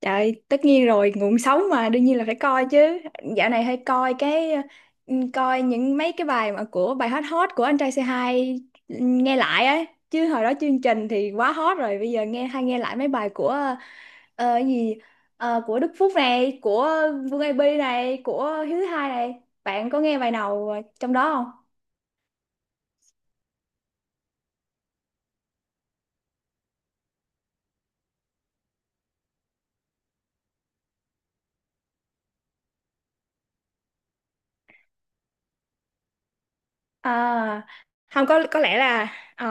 Trời, tất nhiên rồi, nguồn sống mà đương nhiên là phải coi chứ. Dạo này hay coi cái coi những mấy cái bài mà của bài hot hot của anh trai c hai nghe lại ấy. Chứ hồi đó chương trình thì quá hot rồi, bây giờ nghe hay nghe lại mấy bài của cái gì. Của Đức Phúc này, của Vương AB này, của Hiếu Thứ Hai này. Bạn có nghe bài nào trong đó không? À, không, có lẽ là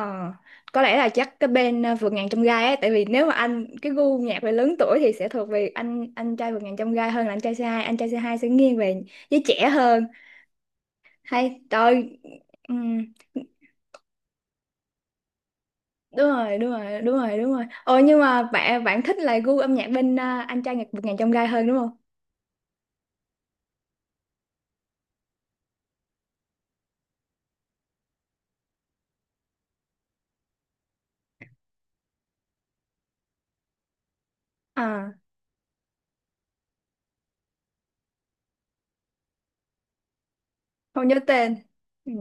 có lẽ là chắc cái bên vượt ngàn trong gai ấy, tại vì nếu mà anh cái gu nhạc về lớn tuổi thì sẽ thuộc về anh trai vượt ngàn trong gai hơn là anh trai c hai sẽ nghiêng về giới trẻ hơn, hay trời. ừm, Đúng rồi, đúng rồi, đúng rồi, đúng rồi. Ồ, nhưng mà bạn bạn thích là gu âm nhạc bên anh trai nhạc vượt ngàn trong gai hơn đúng không? À, không nhớ tên. Ừ.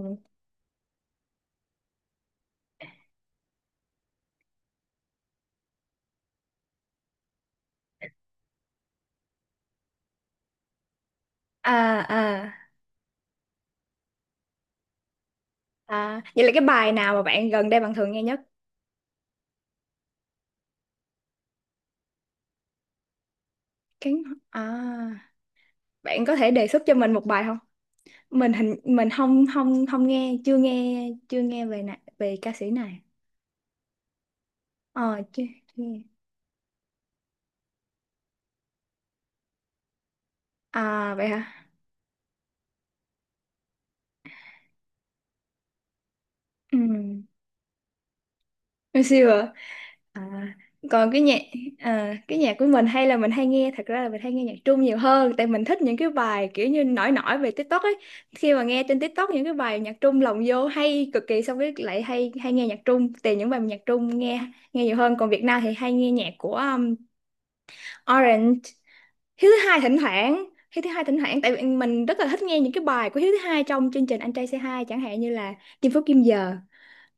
À, à, à, vậy là cái bài nào mà bạn gần đây bạn thường nghe nhất? Cái à. Bạn có thể đề xuất cho mình một bài không? Mình không không không nghe, chưa nghe, về ca sĩ này. Ờ Chưa, chưa nghe. À vậy hả? Ừ. Siêu à. À, còn cái nhạc của mình hay là mình hay nghe, thật ra là mình hay nghe nhạc Trung nhiều hơn tại mình thích những cái bài kiểu như nổi nổi về TikTok ấy. Khi mà nghe trên TikTok những cái bài nhạc Trung lồng vô hay cực kỳ, xong cái lại hay hay nghe nhạc Trung, tìm những bài nhạc Trung nghe nghe nhiều hơn. Còn Việt Nam thì hay nghe nhạc của Orange, Hiếu thứ hai thỉnh thoảng Hiếu thứ hai thỉnh thoảng tại vì mình rất là thích nghe những cái bài của Hiếu thứ hai trong chương trình Anh trai Say Hi, chẳng hạn như là Chinh Phú Kim Giờ,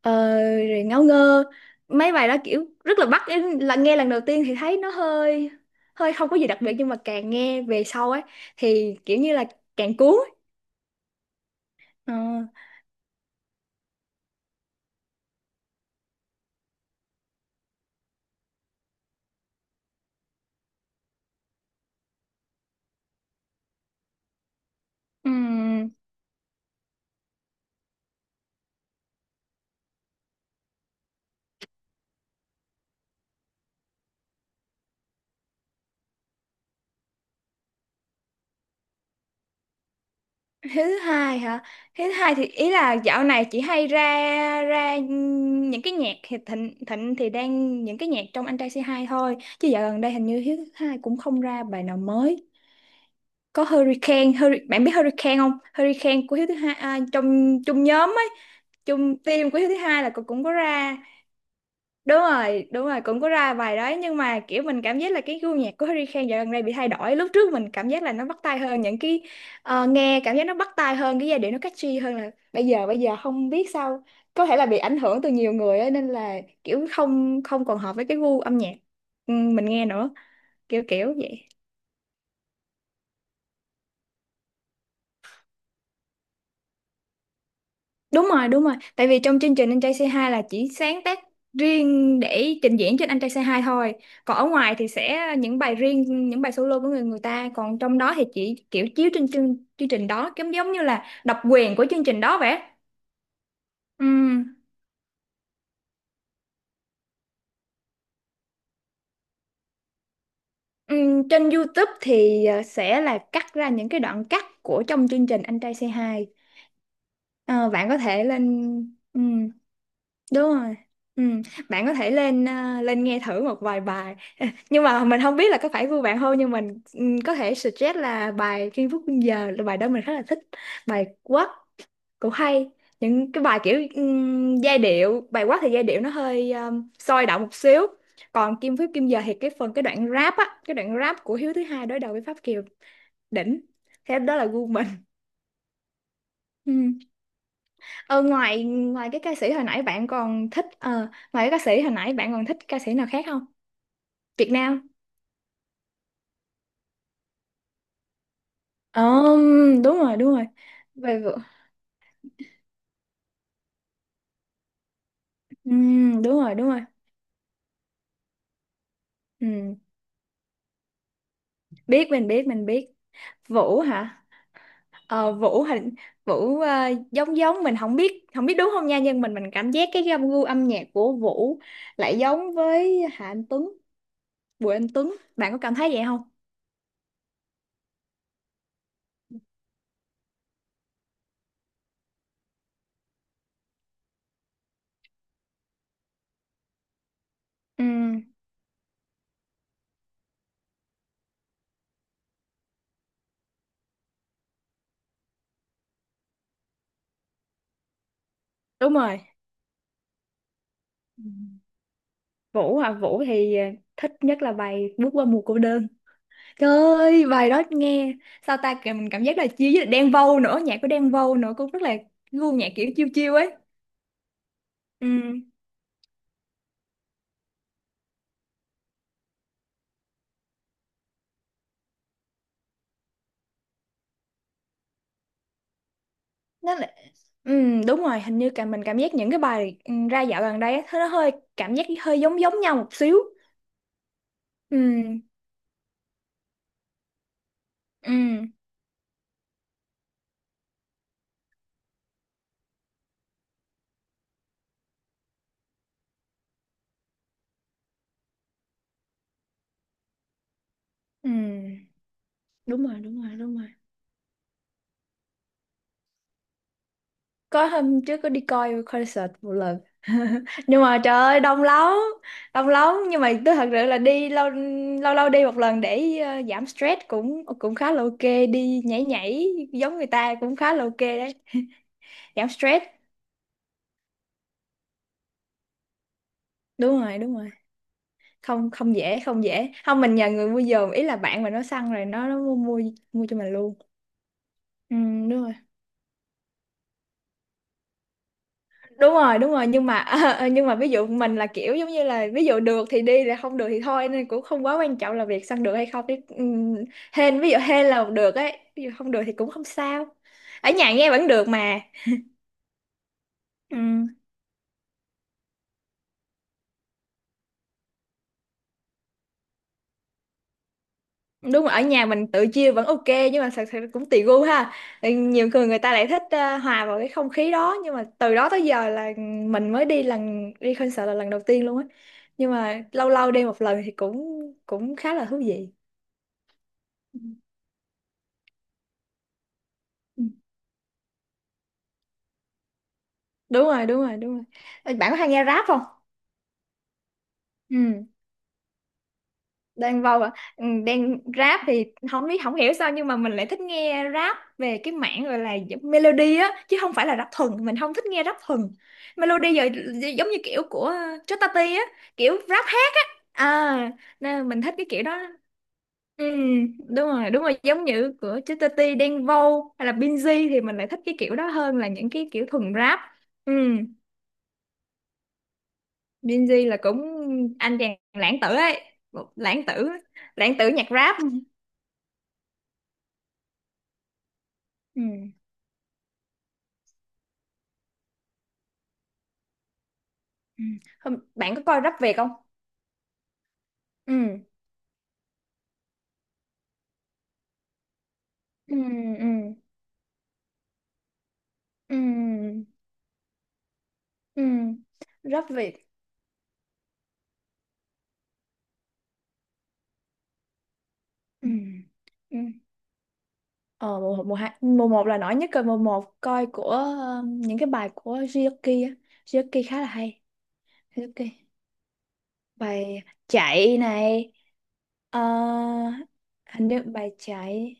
ờ, rồi Ngáo Ngơ. Mấy bài đó kiểu rất là bắt, là nghe lần đầu tiên thì thấy nó hơi, hơi không có gì đặc biệt, nhưng mà càng nghe về sau ấy thì kiểu như là càng cuốn. Ờ. Ừm. Thứ hai hả? Thứ hai thì ý là dạo này chị hay ra, ra những cái nhạc thì thịnh, thịnh thì đang những cái nhạc trong anh trai C2 thôi, chứ dạo gần đây hình như hiếu thứ hai cũng không ra bài nào mới. Có Hurricane, Hurri-, bạn biết Hurricane không? Hurricane của hiếu thứ hai, à, trong chung nhóm ấy, chung team của hiếu thứ hai, là cũng cũng có ra. Đúng rồi, đúng rồi, cũng có ra bài đấy, nhưng mà kiểu mình cảm giác là cái gu nhạc của Harry Khan dạo gần đây bị thay đổi. Lúc trước mình cảm giác là nó bắt tai hơn những cái, nghe cảm giác nó bắt tai hơn, cái giai điệu nó catchy hơn là bây giờ. Không biết sao, có thể là bị ảnh hưởng từ nhiều người ấy, nên là kiểu không không còn hợp với cái gu âm nhạc, ừ, mình nghe nữa. Kiểu kiểu vậy. Đúng rồi, đúng rồi. Tại vì trong chương trình Anh Trai Say Hi là chỉ sáng tác riêng để trình diễn trên Anh Trai Say Hi thôi. Còn ở ngoài thì sẽ những bài riêng, những bài solo của người người ta. Còn trong đó thì chỉ kiểu chiếu trên chương trình đó, giống giống như là độc quyền của chương trình đó vậy. Ừm, Trên YouTube thì sẽ là cắt ra những cái đoạn cắt của trong chương trình Anh Trai Say Hi. Ờ, bạn có thể lên. Đúng rồi. Ừ. Bạn có thể lên lên nghe thử một vài bài nhưng mà mình không biết là có phải gu bạn không, nhưng mình, ừ, có thể suggest là bài Kim Phúc Quân Giờ, là bài đó mình khá là thích. Bài Quát cũng hay, những cái bài kiểu, giai điệu bài Quát thì giai điệu nó hơi sôi động một xíu. Còn Kim Phúc Kim Giờ thì cái đoạn rap của Hiếu thứ hai đối đầu với Pháp Kiều, đỉnh. Thế đó là gu mình. Ừ. Ờ, ngoài ngoài cái ca sĩ hồi nãy bạn còn thích, ngoài cái ca sĩ hồi nãy bạn còn thích ca sĩ nào khác không? Việt Nam. Ờ, đúng rồi, đúng rồi. Về Vũ. Đúng rồi, đúng rồi. Ừm, Biết, mình biết, mình biết. Vũ hả? Ờ, Vũ hình. Vũ, giống giống mình không biết đúng không nha, nhưng mình cảm giác cái gu âm nhạc của Vũ lại giống với Hà Anh Tuấn, Bùi Anh Tuấn. Bạn có cảm thấy vậy không? Ừm, đúng rồi. Vũ hả? Vũ thì thích nhất là bài Bước qua mùa cô đơn. Trời ơi, bài đó nghe sao ta kìa, mình cảm giác là chia với Đen Vâu nữa, nhạc của Đen Vâu nữa cũng rất là gu nhạc kiểu chiêu chiêu ấy. Ừ, nó là ừ, đúng rồi, hình như cả mình cảm giác những cái bài, ra dạo gần đây á, nó hơi cảm giác hơi giống giống nhau một xíu. Ừ, ừ, ừ, đúng rồi, đúng rồi, đúng rồi. Có hôm trước có đi coi concert một lần nhưng mà trời ơi đông lắm, đông lắm. Nhưng mà tôi thật sự là đi lâu lâu lâu đi một lần để giảm stress, cũng cũng khá là ok. Đi nhảy nhảy giống người ta cũng khá là ok đấy, giảm stress. Đúng rồi, đúng rồi. Không không dễ, không dễ. Không, mình nhờ người mua giùm, ý là bạn mà nó săn rồi nó mua mua mua cho mình luôn. Ừ, đúng rồi, đúng rồi, đúng rồi. Nhưng mà nhưng mà ví dụ mình là kiểu giống như là ví dụ được thì đi, là không được thì thôi, nên cũng không quá quan trọng là việc săn được hay không chứ. Hên, ví dụ hên là được ấy, ví dụ không được thì cũng không sao, ở nhà nghe vẫn được mà. Ừm, đúng rồi, ở nhà mình tự chia vẫn ok, nhưng mà thật sự cũng tùy gu ha. Ừ, nhiều người người ta lại thích hòa vào cái không khí đó, nhưng mà từ đó tới giờ là mình mới đi lần đi concert là lần đầu tiên luôn á, nhưng mà lâu lâu đi một lần thì cũng cũng khá là thú vị. Ừ. Đúng rồi, đúng rồi, đúng rồi. Ờ, bạn có hay nghe rap không? Ừ. Đen Vâu à? Đen rap thì không biết không hiểu sao, nhưng mà mình lại thích nghe rap về cái mảng gọi là giống melody á, chứ không phải là rap thuần, mình không thích nghe rap thuần melody giờ, giống như kiểu của Chutati á, kiểu rap hát. À, nên mình thích cái kiểu đó. Ừ. Đúng rồi, đúng rồi, giống như của Chutati, Đen Vâu hay là Binz thì mình lại thích cái kiểu đó hơn là những cái kiểu thuần rap. Ừ. Gen Z là cũng anh chàng lãng tử ấy. Một lãng tử, lãng tử nhạc rap. Ừ. Ừ. Bạn có coi rap Việt không? Ừ. Ừ. Ừ. Ừ. Ừ. Rap Việt. Ừ. Ừ. ờ mùa mùa hai, mùa một là nổi nhất rồi. Mùa một coi của những cái bài của Jioki á, Jioki khá là hay. Jioki bài chạy này. Ờ, Hình như bài chạy.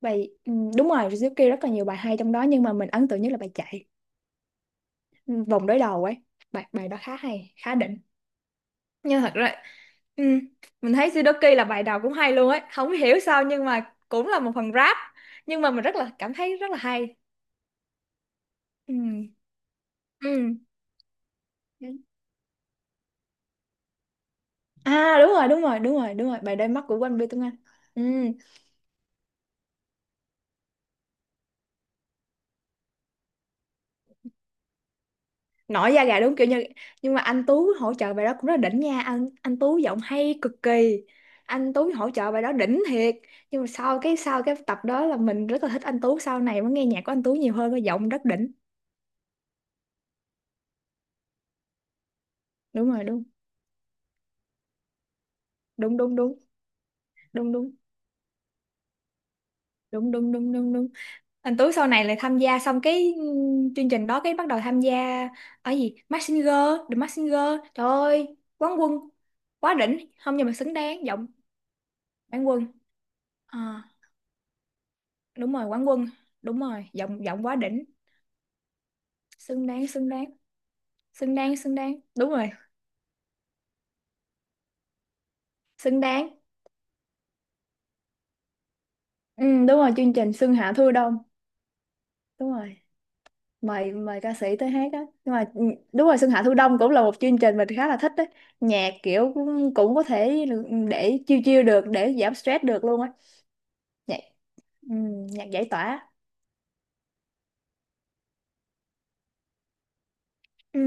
Bài, đúng rồi, Suzuki rất là nhiều bài hay trong đó, nhưng mà mình ấn tượng nhất là bài chạy, ừ, vòng đối đầu ấy, bài bài đó khá hay, khá đỉnh. Nhưng thật ra ừ, mình thấy Suzuki là bài đầu cũng hay luôn ấy, không hiểu sao nhưng mà cũng là một phần rap, nhưng mà mình rất là cảm thấy rất là hay. Ừ. Ừ. À, đúng rồi, đúng rồi, đúng rồi, đúng rồi, bài Đôi mắt của Quang Bi Tuấn Anh. Ừ. Nổi da gà đúng kiểu như, nhưng mà anh Tú hỗ trợ bài đó cũng rất là đỉnh nha, anh Tú giọng hay cực kỳ, anh Tú hỗ trợ bài đó đỉnh thiệt. Nhưng mà sau cái tập đó là mình rất là thích anh Tú, sau này mới nghe nhạc của anh Tú nhiều hơn, cái giọng rất đỉnh. Đúng rồi, đúng, đúng, đúng, đúng, đúng, đúng, đúng, đúng, đúng, đúng, đúng. Anh Tú sau này lại tham gia xong cái, chương trình đó cái bắt đầu tham gia ở gì, Mask Singer, The Mask Singer, trời ơi, quán quân, quá đỉnh không, nhưng mà xứng đáng giọng quán quân. À. Đúng rồi, quán quân. Đúng rồi, giọng giọng quá đỉnh. Xứng đáng, xứng đáng. Xứng đáng, xứng đáng, đúng rồi. Xứng đáng. Ừ, đúng rồi, chương trình Xuân Hạ Thu Đông. Đúng rồi, mời mời ca sĩ tới hát á. Nhưng mà đúng rồi, Xuân Hạ Thu Đông cũng là một chương trình mình khá là thích đấy, nhạc kiểu cũng có thể để chill chill được, để giảm stress được luôn á. Nhạc, ừ, nhạc giải tỏa. Ừ.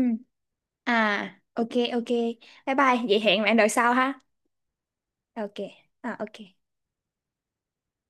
À ok. Ok. Bye bye vậy, hẹn bạn đợi sau ha. Ok. À ok.